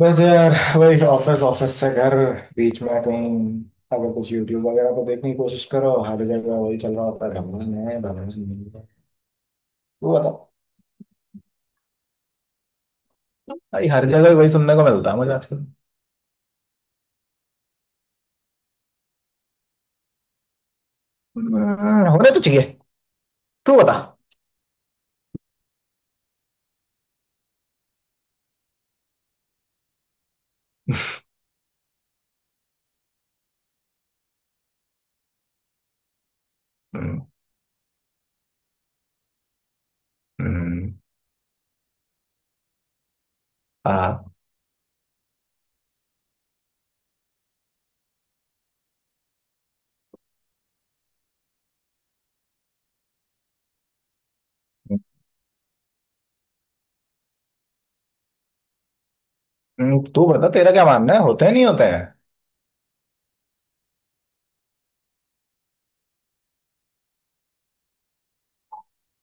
बस यार। वही ऑफिस, ऑफिस से घर। बीच में कहीं, अगर कुछ यूट्यूब वगैरह को देखने की कोशिश करो, हर जगह वही चल रहा होता है - भगवान है, भगवान नहीं है। तू बता। भाई हर जगह वही सुनने को मिलता है मुझे आजकल। होने तो चाहिए। तू बता। हम्म। हम्म। हाँ। हम्म। तू बता, तेरा क्या मानना है, होते हैं नहीं होते हैं?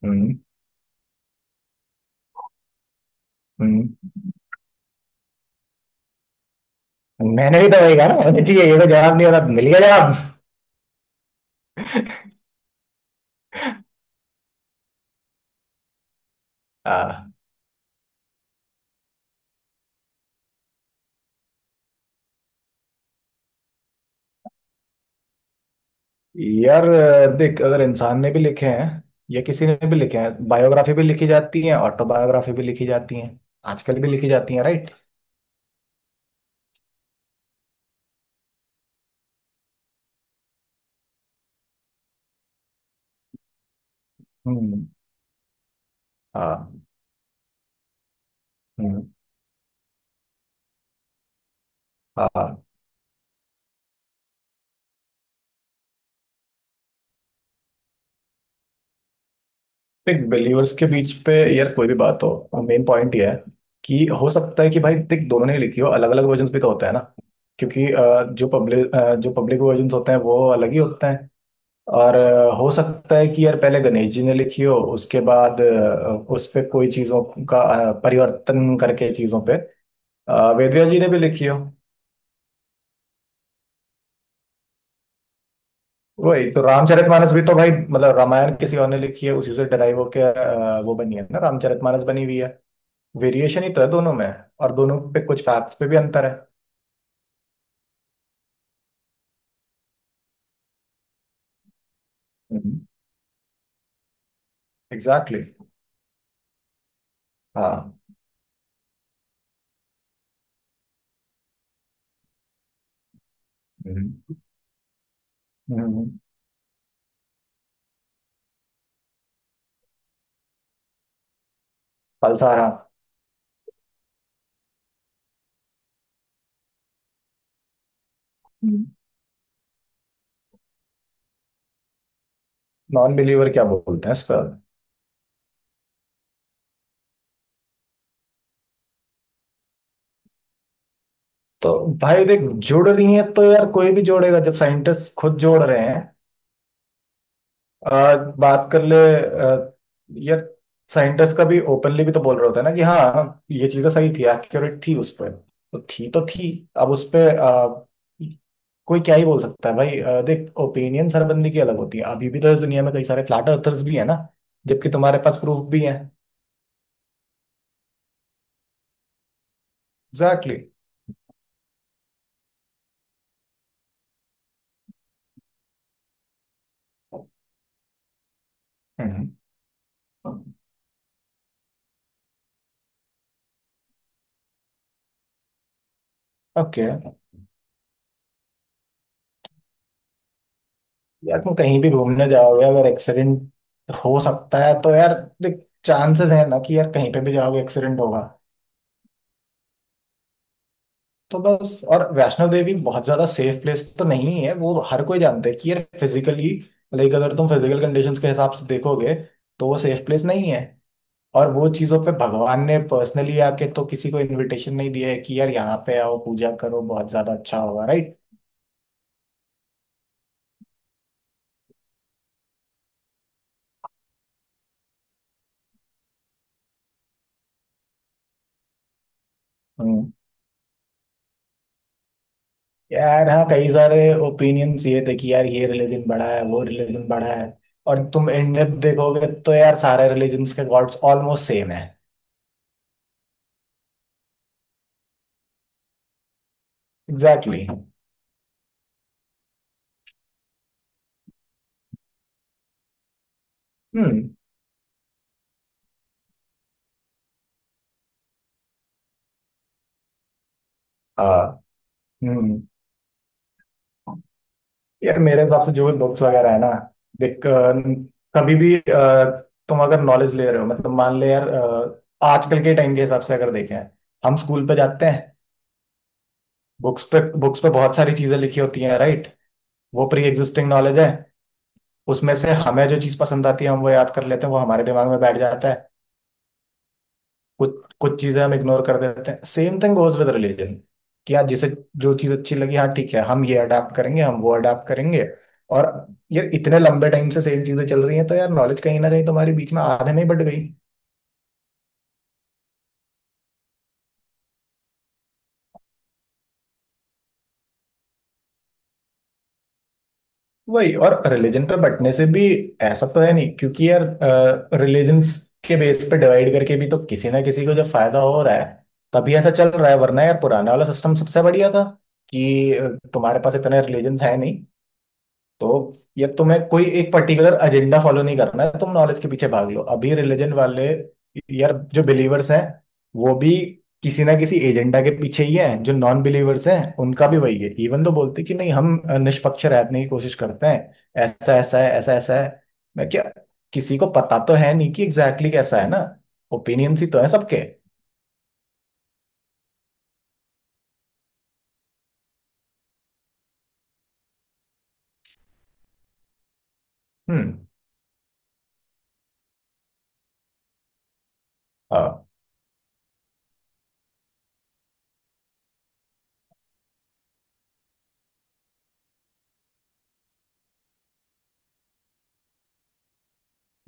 हम्म। हम्म, मैंने भी तो वही कहा ना, होने चाहिए ये तो जवाब नहीं होता मिल गया। जवाब। यार देख, अगर इंसान ने भी लिखे हैं या किसी ने भी लिखे हैं, बायोग्राफी भी लिखी जाती है, ऑटोबायोग्राफी भी लिखी जाती है, आजकल भी लिखी जाती है, राइट। हम्म। हाँ। हम्म। हाँ। हाँ। देख, बिलीवर्स के बीच पे यार कोई भी बात हो, मेन पॉइंट ये है कि हो सकता है कि भाई देख दोनों ने लिखी हो, अलग अलग वर्जन भी तो होता है ना। क्योंकि जो पब्लिक वर्जन होते हैं वो अलग ही होते हैं। और हो सकता है कि यार पहले गणेश जी ने लिखी हो, उसके बाद उस पे कोई चीजों का परिवर्तन करके चीजों पे वेदव्यास जी ने भी लिखी हो। वही, तो रामचरितमानस भी तो भाई, मतलब रामायण किसी और ने लिखी है उसी से डराइव होके वो बनी है ना, रामचरितमानस बनी हुई है। वेरिएशन ही तो है दोनों में। और दोनों पे कुछ फैक्ट्स पे भी अंतर है। Exactly exactly। हाँ। हम्म। हम्म। फलसारा। नॉन बिलीवर क्या बोलते हैं इस पर? तो भाई देख, जुड़ रही हैं तो यार कोई भी जोड़ेगा जब साइंटिस्ट खुद जोड़ रहे हैं। आ, बात कर ले यार, साइंटिस्ट का भी ओपनली भी तो बोल रहा होता है ना कि हाँ ये चीजें सही थी एक्यूरेट थी उस पर। तो थी तो थी। अब उस पे कोई क्या ही बोल सकता है भाई, देख ओपिनियन हर बंदे की अलग होती है। अभी भी तो इस दुनिया में कई सारे फ्लैट अर्थर्स भी है ना, जबकि तुम्हारे पास प्रूफ भी है। एग्जैक्टली। हम्म। ओके। यार तुम कहीं भी घूमने जाओगे, अगर एक्सीडेंट हो सकता है तो यार देख, चांसेस है ना कि यार कहीं पे भी जाओगे एक्सीडेंट होगा। तो बस, और वैष्णो देवी बहुत ज्यादा सेफ प्लेस तो नहीं है, वो हर कोई जानता है कि यार फिजिकली, लाइक अगर तुम फिजिकल कंडीशंस के हिसाब से देखोगे, तो वो सेफ प्लेस नहीं है। और वो चीजों पे भगवान ने पर्सनली आके तो किसी को इनविटेशन नहीं दिया है कि यार यहाँ पे आओ पूजा करो बहुत ज्यादा अच्छा होगा। राइट। यार हाँ कई सारे ओपिनियंस ये थे कि यार ये रिलीजन बड़ा है वो रिलीजन बड़ा है। और तुम एंड अप देखोगे तो यार सारे रिलीजन्स के गॉड्स ऑलमोस्ट सेम है। Exactly exactly। हम्म। हाँ। हम्म। यार मेरे हिसाब से जो भी बुक्स वगैरह है ना, देख कभी भी तुम अगर नॉलेज ले रहे हो, मतलब मान ले यार आजकल के टाइम के हिसाब से अगर देखें, हम स्कूल पे जाते हैं, बुक्स पे बुक्स पे बहुत सारी चीजें लिखी होती हैं, राइट। वो प्री एग्जिस्टिंग नॉलेज है। उसमें से हमें जो चीज पसंद आती है हम वो याद कर लेते हैं, वो हमारे दिमाग में बैठ जाता है। कुछ कुछ चीजें हम इग्नोर कर देते हैं। Same thing goes with religion, कि यार जिसे जो चीज अच्छी लगी, हाँ ठीक है, हम ये अडाप्ट करेंगे हम वो अडाप्ट करेंगे। और ये इतने लंबे टाइम से सेम चीजें चल रही हैं तो यार नॉलेज कहीं ना कहीं तुम्हारी बीच में आधे में ही बट गई। वही, और रिलीजन पे बंटने से भी ऐसा तो है नहीं, क्योंकि यार रिलीजन्स के बेस पे डिवाइड करके भी तो किसी ना किसी को जब फायदा हो रहा है तभी ऐसा चल रहा है। वरना यार पुराना वाला सिस्टम सबसे बढ़िया था, कि तुम्हारे पास इतने रिलीजन्स है नहीं, तो ये तुम्हें कोई एक पर्टिकुलर एजेंडा फॉलो नहीं करना है, तुम नॉलेज के पीछे भाग लो। अभी रिलीजन वाले यार जो बिलीवर्स हैं वो भी किसी ना किसी एजेंडा के पीछे ही हैं, जो नॉन बिलीवर्स हैं उनका भी वही है, इवन तो बोलते कि नहीं हम निष्पक्ष रहने की कोशिश करते हैं। ऐसा ऐसा है, ऐसा ऐसा है। मैं क्या, किसी को पता तो है नहीं कि एग्जैक्टली exactly कैसा है ना। ओपिनियंस ही तो है सबके। हम्म। हाँ।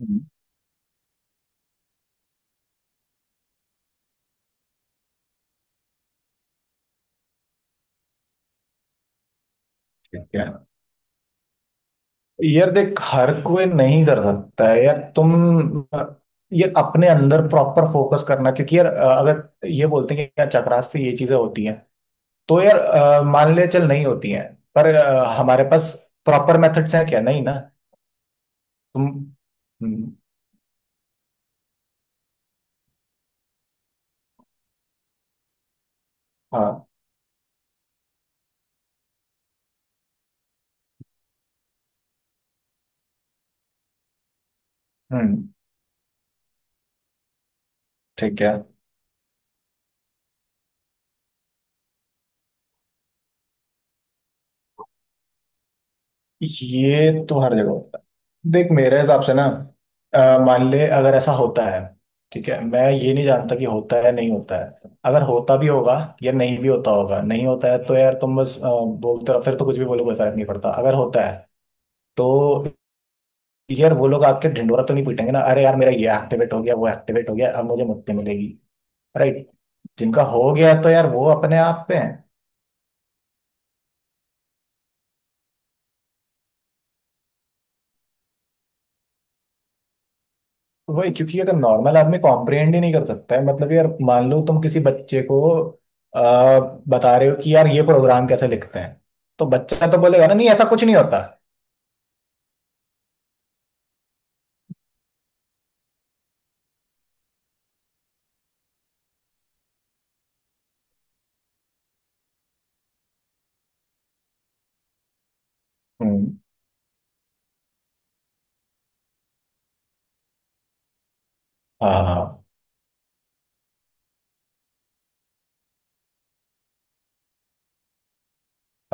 हम्म। ठीक है। यार देख हर कोई नहीं कर सकता है यार, तुम ये अपने अंदर प्रॉपर फोकस करना, क्योंकि यार अगर ये बोलते हैं कि यार चक्रास से ये चीजें होती हैं, तो यार मान ले चल नहीं होती हैं, पर हमारे पास प्रॉपर मेथड्स हैं क्या? नहीं ना। तुम। हम्म। हाँ। हम्म। ठीक है। ये तो हर जगह होता है। देख मेरे हिसाब से ना मान ले अगर ऐसा होता है, ठीक है मैं ये नहीं जानता कि होता है नहीं होता है, अगर होता भी होगा या नहीं भी होता होगा नहीं होता है, तो यार तुम बस बोलते रहो। फिर तो कुछ भी बोलो, कोई फर्क नहीं पड़ता। अगर होता है तो यार वो लोग आके ढिंढोरा तो नहीं पीटेंगे ना, अरे यार मेरा ये एक्टिवेट हो गया वो एक्टिवेट हो गया अब मुझे मुक्ति मिलेगी। राइट। जिनका हो गया तो यार वो अपने आप पे है। वही, क्योंकि अगर नॉर्मल आदमी कॉम्प्रिहेंड ही नहीं कर सकता है, मतलब यार मान लो तुम किसी बच्चे को आ, बता रहे हो कि यार ये प्रोग्राम कैसे लिखते हैं, तो बच्चा तो बोलेगा ना नहीं ऐसा कुछ नहीं होता। हम्म। हाँ हाँ।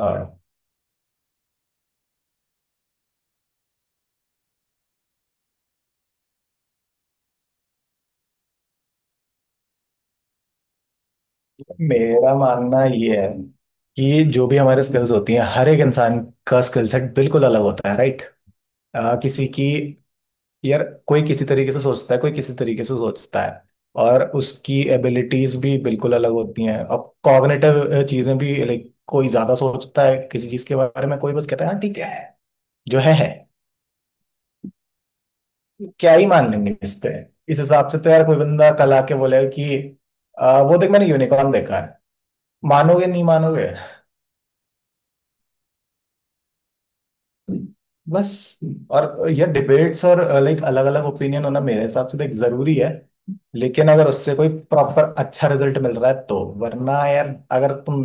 हाँ। मेरा मानना ये है कि जो भी हमारे स्किल्स होती हैं हर एक इंसान का स्किल सेट बिल्कुल अलग होता है, राइट। किसी की, यार कोई किसी तरीके से सोचता है कोई किसी तरीके से सोचता है। और उसकी एबिलिटीज भी बिल्कुल अलग होती हैं। अब कॉग्निटिव चीजें भी, लाइक कोई ज्यादा सोचता है किसी चीज के बारे में, कोई बस कहता है हाँ ठीक है, जो है है। क्या ही मान लेंगे इस पे। इस हिसाब से तो यार कोई बंदा कल आके बोलेगा कि वो देख मैंने यूनिकॉर्न देखा है", मानोगे नहीं मानोगे? बस। और ये डिबेट्स और लाइक अलग अलग ओपिनियन होना मेरे हिसाब से देख जरूरी है, लेकिन अगर उससे कोई प्रॉपर अच्छा रिजल्ट मिल रहा है तो। वरना यार, अगर तुम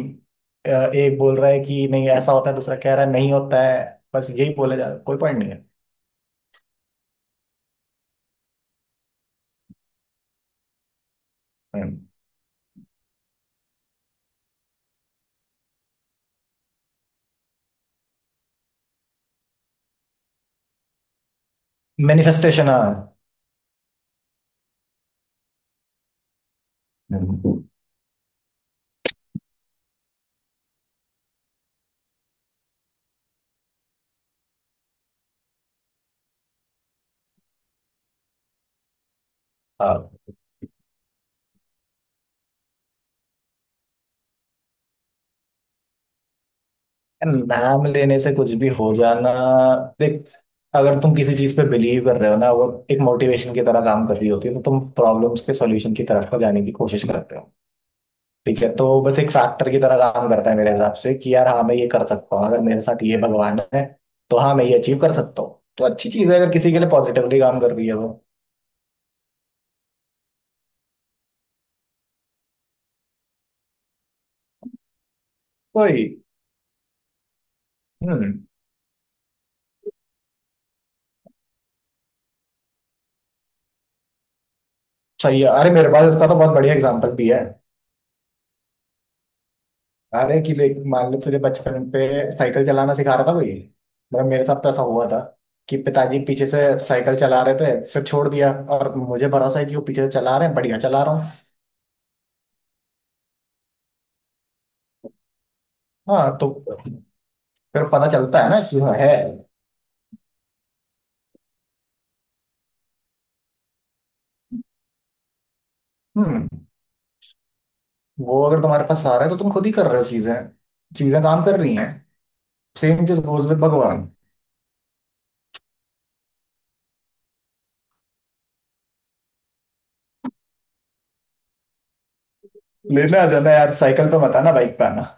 एक बोल रहा है कि नहीं ऐसा होता है दूसरा कह रहा है नहीं होता है, बस यही बोले जा रहा है, कोई पॉइंट नहीं है। मैनिफेस्टेशन, हाँ। हम्म। हाँ। यार, नाम लेने से कुछ भी हो जाना, देख अगर तुम किसी चीज पे बिलीव कर रहे हो ना, वो एक मोटिवेशन की तरह काम कर रही होती है, तो तुम प्रॉब्लम्स के सॉल्यूशन की तरफ को जाने की कोशिश करते हो। ठीक है, तो बस एक फैक्टर की तरह काम करता है मेरे हिसाब से, कि यार हाँ मैं ये कर सकता हूँ अगर मेरे साथ ये भगवान है, तो हाँ मैं ये अचीव कर सकता हूँ। तो अच्छी चीज है अगर किसी के लिए पॉजिटिवली काम कर रही है तो। वही। हम्म। सही है, अरे मेरे पास इसका तो बहुत बढ़िया एग्जांपल भी है। अरे कि देख मान लो तुझे बचपन पे साइकिल चलाना सिखा रहा था कोई, मतलब मेरे साथ तो ऐसा हुआ था कि पिताजी पीछे से साइकिल चला रहे थे फिर छोड़ दिया, और मुझे भरोसा है कि वो पीछे से चला रहे हैं बढ़िया चला रहा हूँ। हाँ तो फिर पता चलता है ना कि हाँ, है। हम्म। वो अगर तुम्हारे पास सहारा है तो तुम खुद ही कर रहे हो चीजें, चीजें काम कर रही हैं। सेम चीज गोज विद भगवान। लेने आ जाना यार, साइकिल पे मत आना बाइक पे आना।